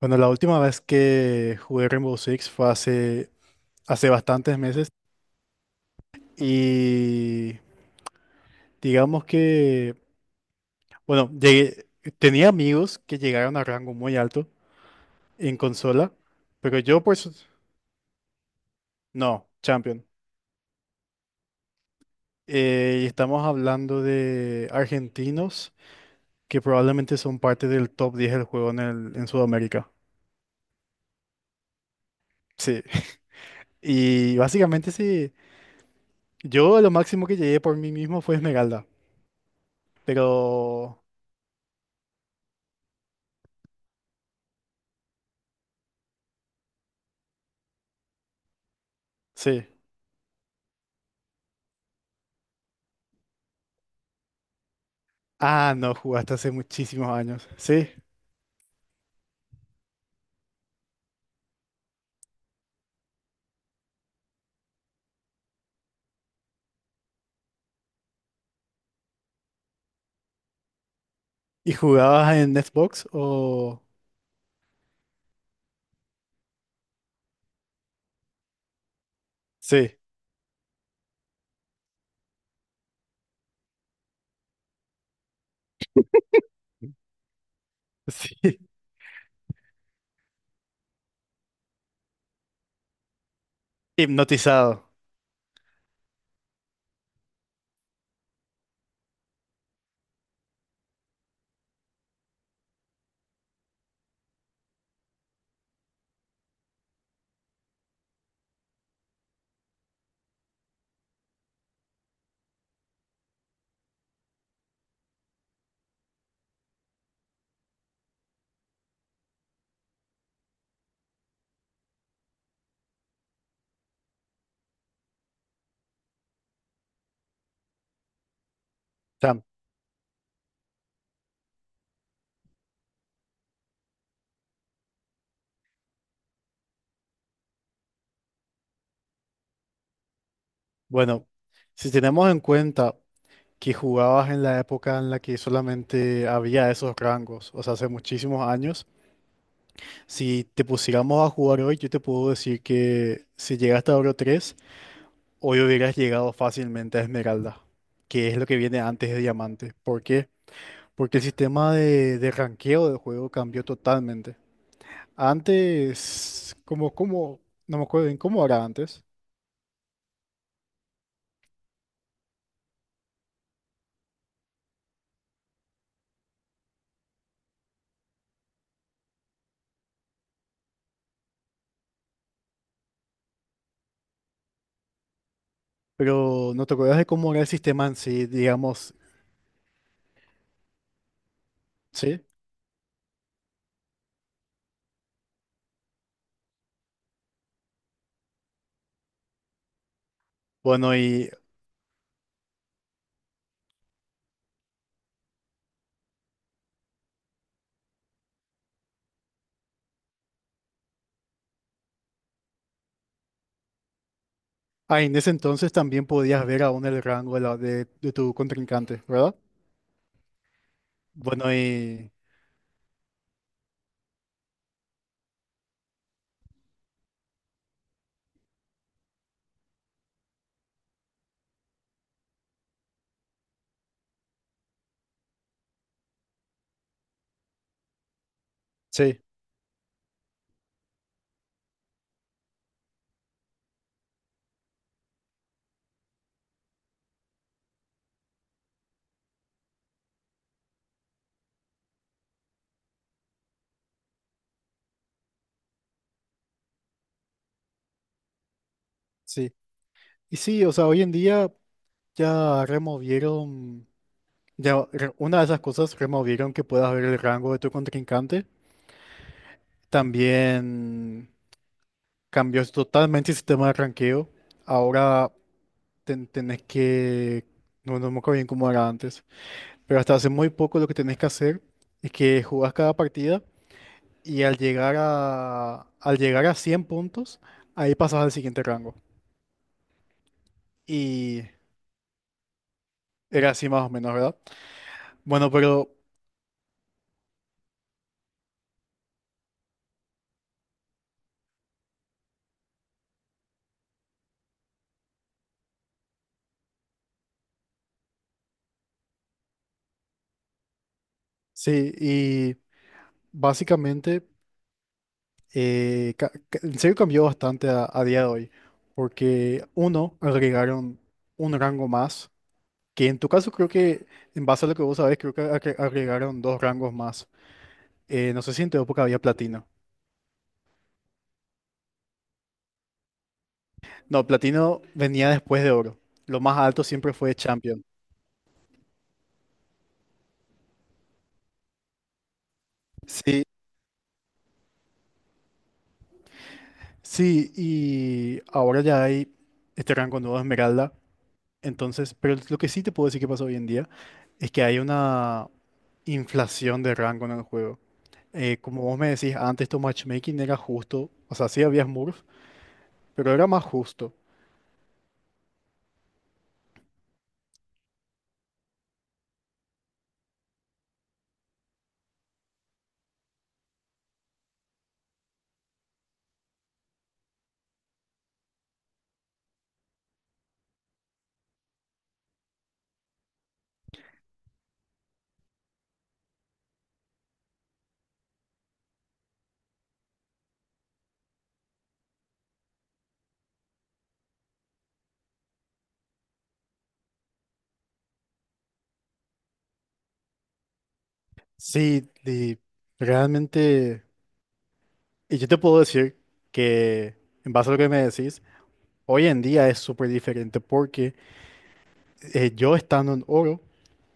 Bueno, la última vez que jugué Rainbow Six fue hace bastantes meses y digamos que, bueno, tenía amigos que llegaron a rango muy alto en consola, pero yo pues no, Champion. Y estamos hablando de argentinos que probablemente son parte del top 10 del juego en Sudamérica. Sí. Y básicamente sí, yo lo máximo que llegué por mí mismo fue Esmeralda, pero sí. Ah, no, jugaste hace muchísimos años. Sí. ¿Y jugabas en Xbox o? Sí, sí. Hipnotizado. Sam, bueno, si tenemos en cuenta que jugabas en la época en la que solamente había esos rangos, o sea, hace muchísimos años, si te pusiéramos a jugar hoy, yo te puedo decir que si llegaste a Oro 3 hoy hubieras llegado fácilmente a Esmeralda, que es lo que viene antes de Diamante. ¿Por qué? Porque el sistema de ranqueo del juego cambió totalmente. Antes, como, no me acuerdo bien cómo era antes, pero no te acuerdas de cómo era el sistema en sí, digamos, sí. Bueno, y ah, en ese entonces también podías ver aún el rango de tu contrincante, ¿verdad? Bueno, y sí, sí. Y sí, o sea, hoy en día ya removieron, una de esas cosas removieron que puedas ver el rango de tu contrincante. También cambió totalmente el sistema de ranqueo. Ahora, tenés que, no, no me acuerdo bien cómo era antes, pero hasta hace muy poco lo que tenés que hacer es que jugás cada partida y al llegar a 100 puntos, ahí pasas al siguiente rango. Y era así más o menos, ¿verdad? Bueno, pero sí, y básicamente, en serio cambió bastante a día de hoy, porque uno, agregaron un rango más, que en tu caso creo que. En base a lo que vos sabés, creo que agregaron dos rangos más. No sé si en tu época había platino. No, platino venía después de oro. Lo más alto siempre fue champion. Sí, sí, y ahora ya hay este rango nuevo de esmeralda. Entonces, pero lo que sí te puedo decir que pasa hoy en día es que hay una inflación de rango en el juego. Como vos me decís, antes tu matchmaking era justo. O sea, sí había Smurf, pero era más justo. Sí, y realmente. Y yo te puedo decir que, en base a lo que me decís, hoy en día es súper diferente porque yo estando en oro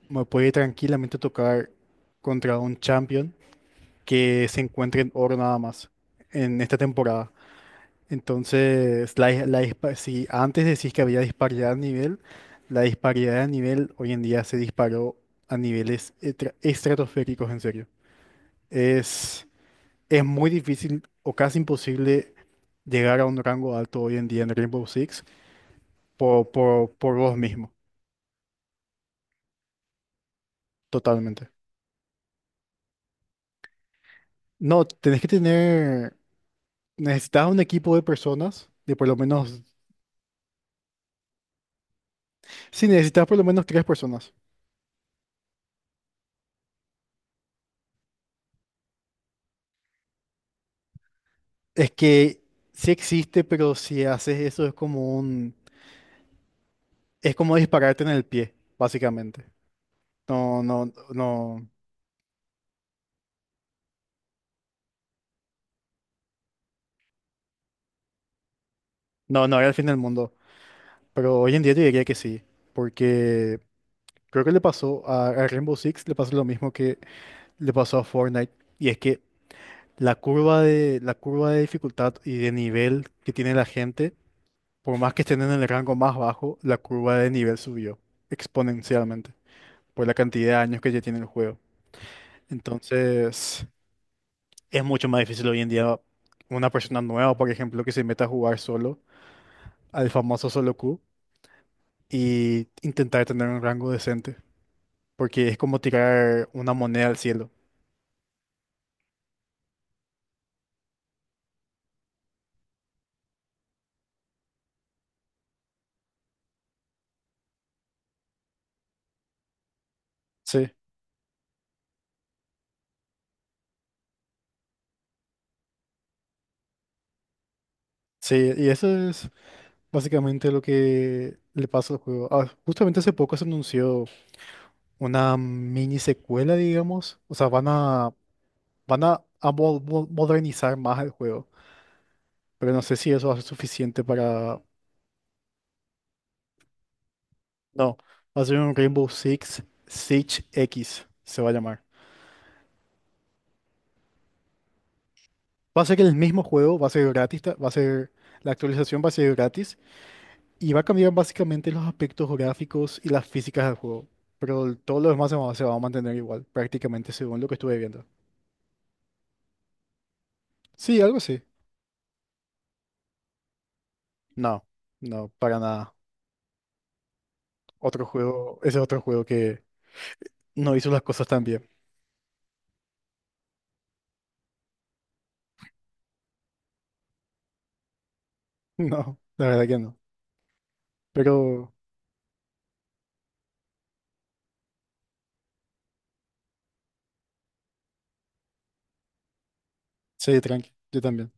me puede tranquilamente tocar contra un champion que se encuentre en oro nada más en esta temporada. Entonces, la, dis- la dispa- si antes decís que había disparidad de nivel, la disparidad de nivel hoy en día se disparó a niveles estratosféricos, en serio. Es, es muy difícil o casi imposible llegar a un rango alto hoy en día en Rainbow Six por vos mismo, totalmente. No, tenés que tener, necesitas un equipo de personas, de por lo menos, sí, necesitas por lo menos tres personas. Es que sí existe, pero si haces eso es como un, es como dispararte en el pie, básicamente. No, no, no, no, no era el fin del mundo. Pero hoy en día yo diría que sí, porque creo que le pasó a Rainbow Six, le pasó lo mismo que le pasó a Fortnite, y es que la curva de dificultad y de nivel que tiene la gente. Por más que estén en el rango más bajo, la curva de nivel subió exponencialmente por la cantidad de años que ya tiene el juego. Entonces, es mucho más difícil hoy en día una persona nueva, por ejemplo, que se meta a jugar solo al famoso solo queue y intentar tener un rango decente, porque es como tirar una moneda al cielo. Sí, sí, y eso es básicamente lo que le pasa al juego. Ah, justamente hace poco se anunció una mini secuela, digamos. O sea, van a modernizar más el juego, pero no sé si eso va a ser suficiente para. No, va a ser un Rainbow Six Siege X, se va a llamar. Va a ser el mismo juego, va a ser gratis, va a ser. La actualización va a ser gratis y va a cambiar básicamente los aspectos gráficos y las físicas del juego, pero todo lo demás se va a mantener igual, prácticamente según lo que estuve viendo. Sí, algo así. No, no, para nada. Otro juego, ese otro juego que no hizo las cosas tan bien. No, la verdad que no. Pero sí, tranqui, yo también.